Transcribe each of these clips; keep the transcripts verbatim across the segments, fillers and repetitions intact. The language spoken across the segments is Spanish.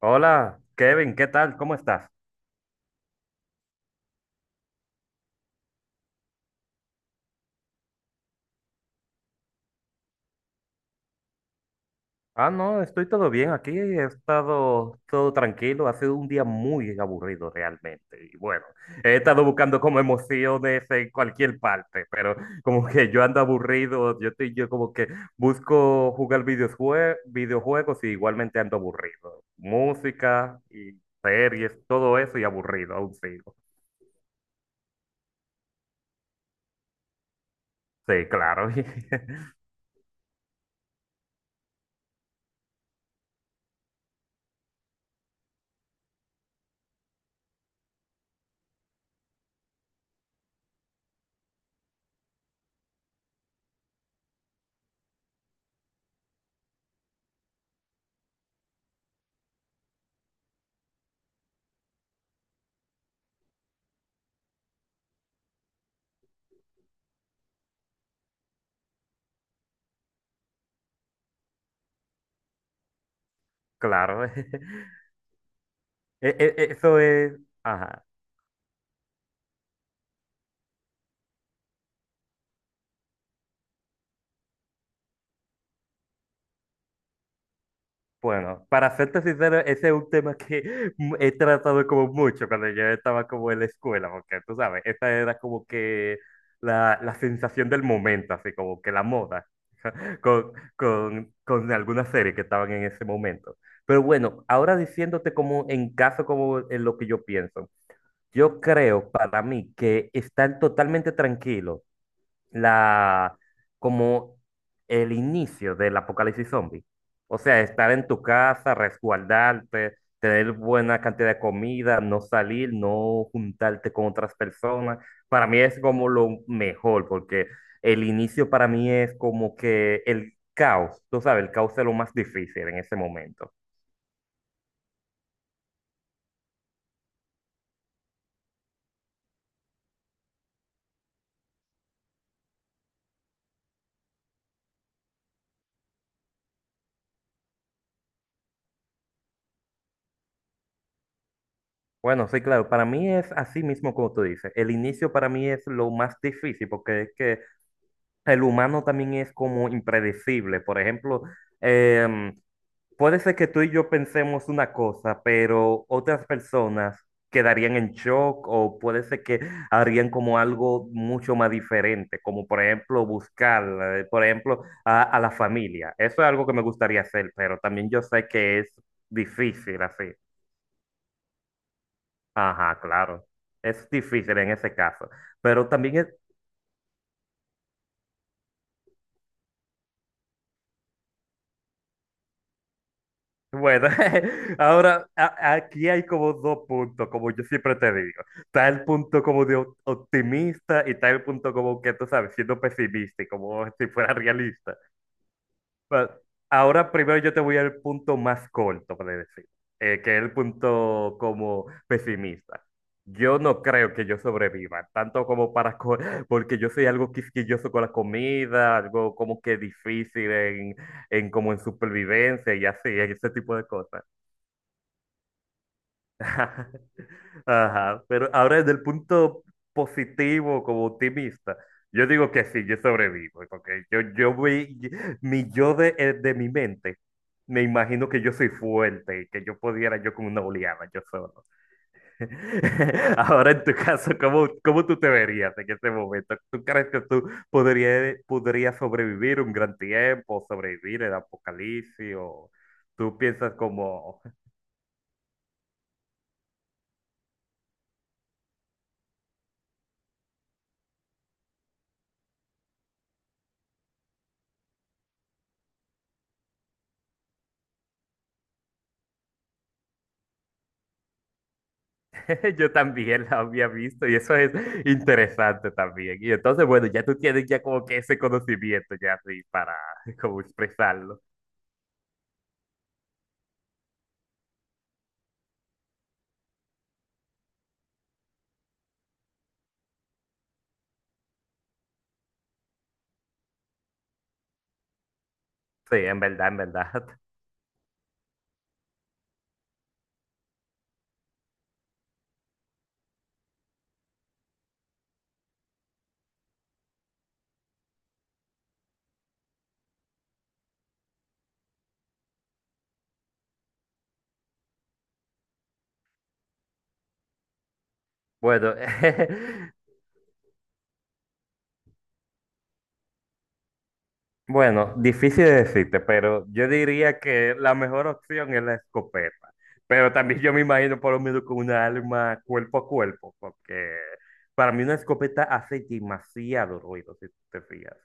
Hola, Kevin, ¿qué tal? ¿Cómo estás? Ah, no, estoy todo bien aquí, he estado todo tranquilo, ha sido un día muy aburrido realmente. Y bueno, he estado buscando como emociones en cualquier parte, pero como que yo ando aburrido, yo estoy, yo como que busco jugar videojue- videojuegos y igualmente ando aburrido. Música y series, todo eso y aburrido, aún sigo. Sí, claro, claro. E- e- Eso es, ajá. Bueno, para serte sincero, ese es un tema que he tratado como mucho cuando yo estaba como en la escuela, porque tú sabes, esa era como que la, la sensación del momento, así como que la moda, con, con, con algunas series que estaban en ese momento. Pero bueno, ahora diciéndote como en caso, como en lo que yo pienso, yo creo para mí que están totalmente tranquilos la, como el inicio del apocalipsis zombie. O sea, estar en tu casa, resguardarte, tener buena cantidad de comida, no salir, no juntarte con otras personas. Para mí es como lo mejor, porque el inicio para mí es como que el caos, tú sabes, el caos es lo más difícil en ese momento. Bueno, sí, claro, para mí es así mismo como tú dices. El inicio para mí es lo más difícil porque es que el humano también es como impredecible. Por ejemplo, em, puede ser que tú y yo pensemos una cosa, pero otras personas quedarían en shock o puede ser que harían como algo mucho más diferente, como por ejemplo buscar, eh, por ejemplo, a, a la familia. Eso es algo que me gustaría hacer, pero también yo sé que es difícil así. Ajá, claro. Es difícil en ese caso. Pero también es, bueno, ahora a- aquí hay como dos puntos, como yo siempre te digo. Está el punto como de op- optimista y está el punto como que tú sabes, siendo pesimista y como si fuera realista. Bueno, ahora primero yo te voy al punto más corto, por decir, eh, que es el punto como pesimista. Yo no creo que yo sobreviva, tanto como para, co- porque yo soy algo quisquilloso con la comida, algo como que difícil en, en como en supervivencia y así, en ese tipo de cosas. Ajá, ajá, pero ahora desde el punto positivo, como optimista, yo digo que sí, yo sobrevivo, porque yo, yo vi, mi yo de, eh, de mi mente, me imagino que yo soy fuerte y que yo pudiera yo con una oleada, yo solo. Ahora en tu caso, ¿cómo, cómo tú te verías en este momento? ¿Tú crees que tú podrías, podrías sobrevivir un gran tiempo, sobrevivir el apocalipsis o tú piensas como... Yo también la había visto y eso es interesante también. Y entonces, bueno, ya tú tienes ya como que ese conocimiento ya así para como expresarlo. Sí, en verdad, en verdad. Bueno, bueno, difícil de decirte, pero yo diría que la mejor opción es la escopeta. Pero también yo me imagino por lo menos con una arma cuerpo a cuerpo, porque para mí una escopeta hace demasiado ruido, si tú te fijas.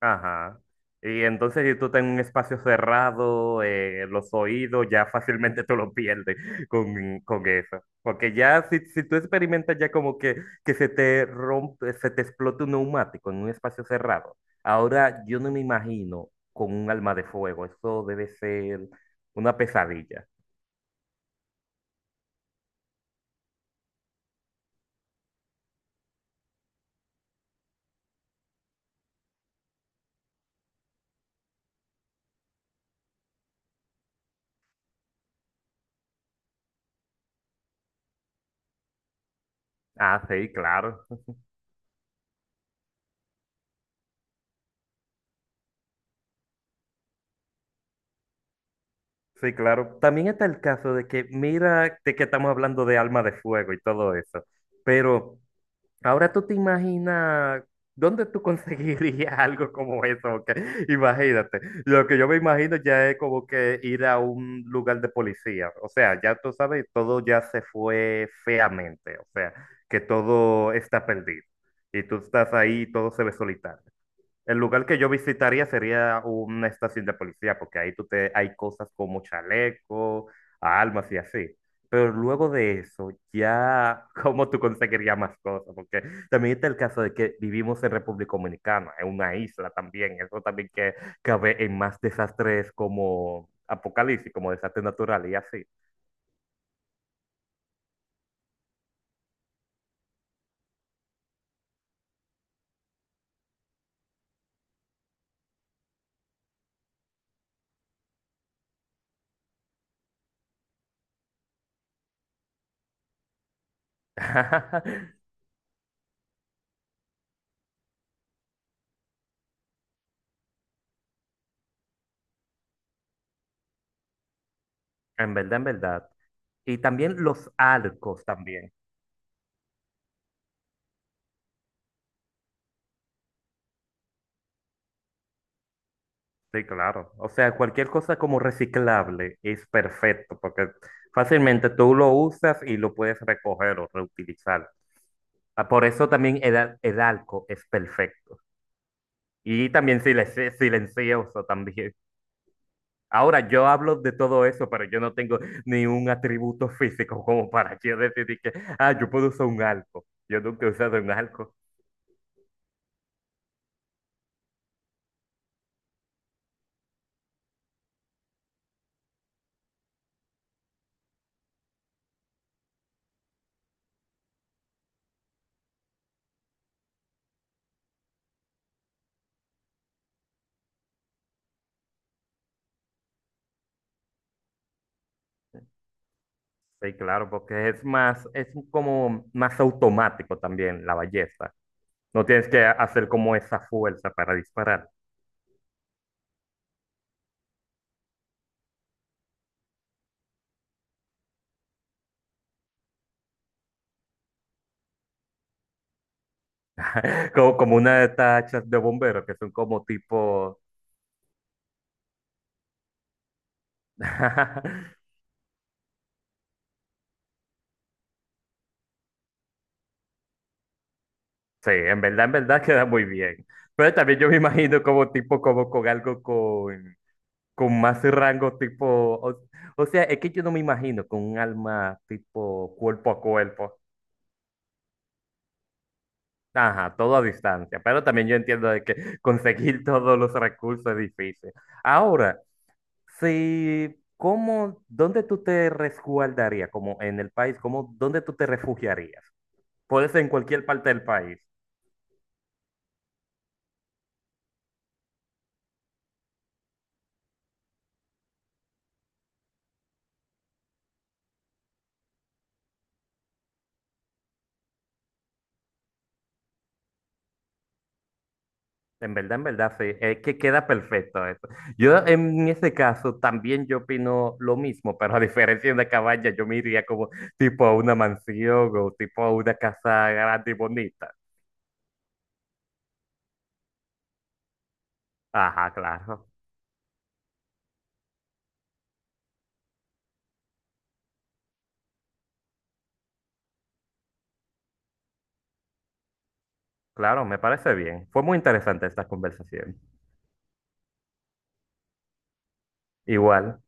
Ajá. Y entonces, si tú estás en un espacio cerrado, eh, los oídos, ya fácilmente tú lo pierdes con, con eso. Porque ya, si, si tú experimentas ya como que, que se te rompe, se te explota un neumático en un espacio cerrado. Ahora, yo no me imagino con un alma de fuego. Eso debe ser una pesadilla. Ah, sí, claro. Sí, claro. También está el caso de que, mira, de que estamos hablando de alma de fuego y todo eso. Pero, ahora tú te imaginas dónde tú conseguirías algo como eso, que- imagínate. Lo que yo me imagino ya es como que ir a un lugar de policía. O sea, ya tú sabes, todo ya se fue feamente. O sea, que todo está perdido. Y tú estás ahí y todo se ve solitario. El lugar que yo visitaría sería una estación de policía, porque ahí tú te, hay cosas como chaleco, armas y así. Pero luego de eso, ya, ¿cómo tú conseguirías más cosas? Porque también está el caso de que vivimos en República Dominicana, en una isla también. Eso también que cabe en más desastres como apocalipsis, como desastres naturales y así. En verdad, en verdad. Y también los arcos también. Sí, claro. O sea, cualquier cosa como reciclable es perfecto porque fácilmente tú lo usas y lo puedes recoger o reutilizar. Ah, por eso también el, al- el alco es perfecto. Y también silenci- silencioso también. Ahora, yo hablo de todo eso, pero yo no tengo ni un atributo físico como para yo decidir que, ah, yo puedo usar un alco. Yo nunca he usado un alco. Sí, claro, porque es más, es como más automático también la belleza. No tienes que hacer como esa fuerza para disparar. Como, como una de estas hachas de bomberos que son como tipo... Sí, en verdad, en verdad queda muy bien. Pero también yo me imagino como tipo, como con algo con, con más rango tipo... O, o sea, es que yo no me imagino con un alma tipo cuerpo a cuerpo. Ajá, todo a distancia. Pero también yo entiendo de que conseguir todos los recursos es difícil. Ahora... sí, ¿cómo, dónde tú te resguardarías? Como en el país, ¿cómo, dónde tú te refugiarías? Puede ser en cualquier parte del país. En verdad, en verdad, sí. Es que queda perfecto eso. Yo en ese caso también yo opino lo mismo, pero a diferencia de una cabaña, yo me iría como tipo a una mansión o tipo a una casa grande y bonita. Ajá, claro. Claro, me parece bien. Fue muy interesante esta conversación. Igual.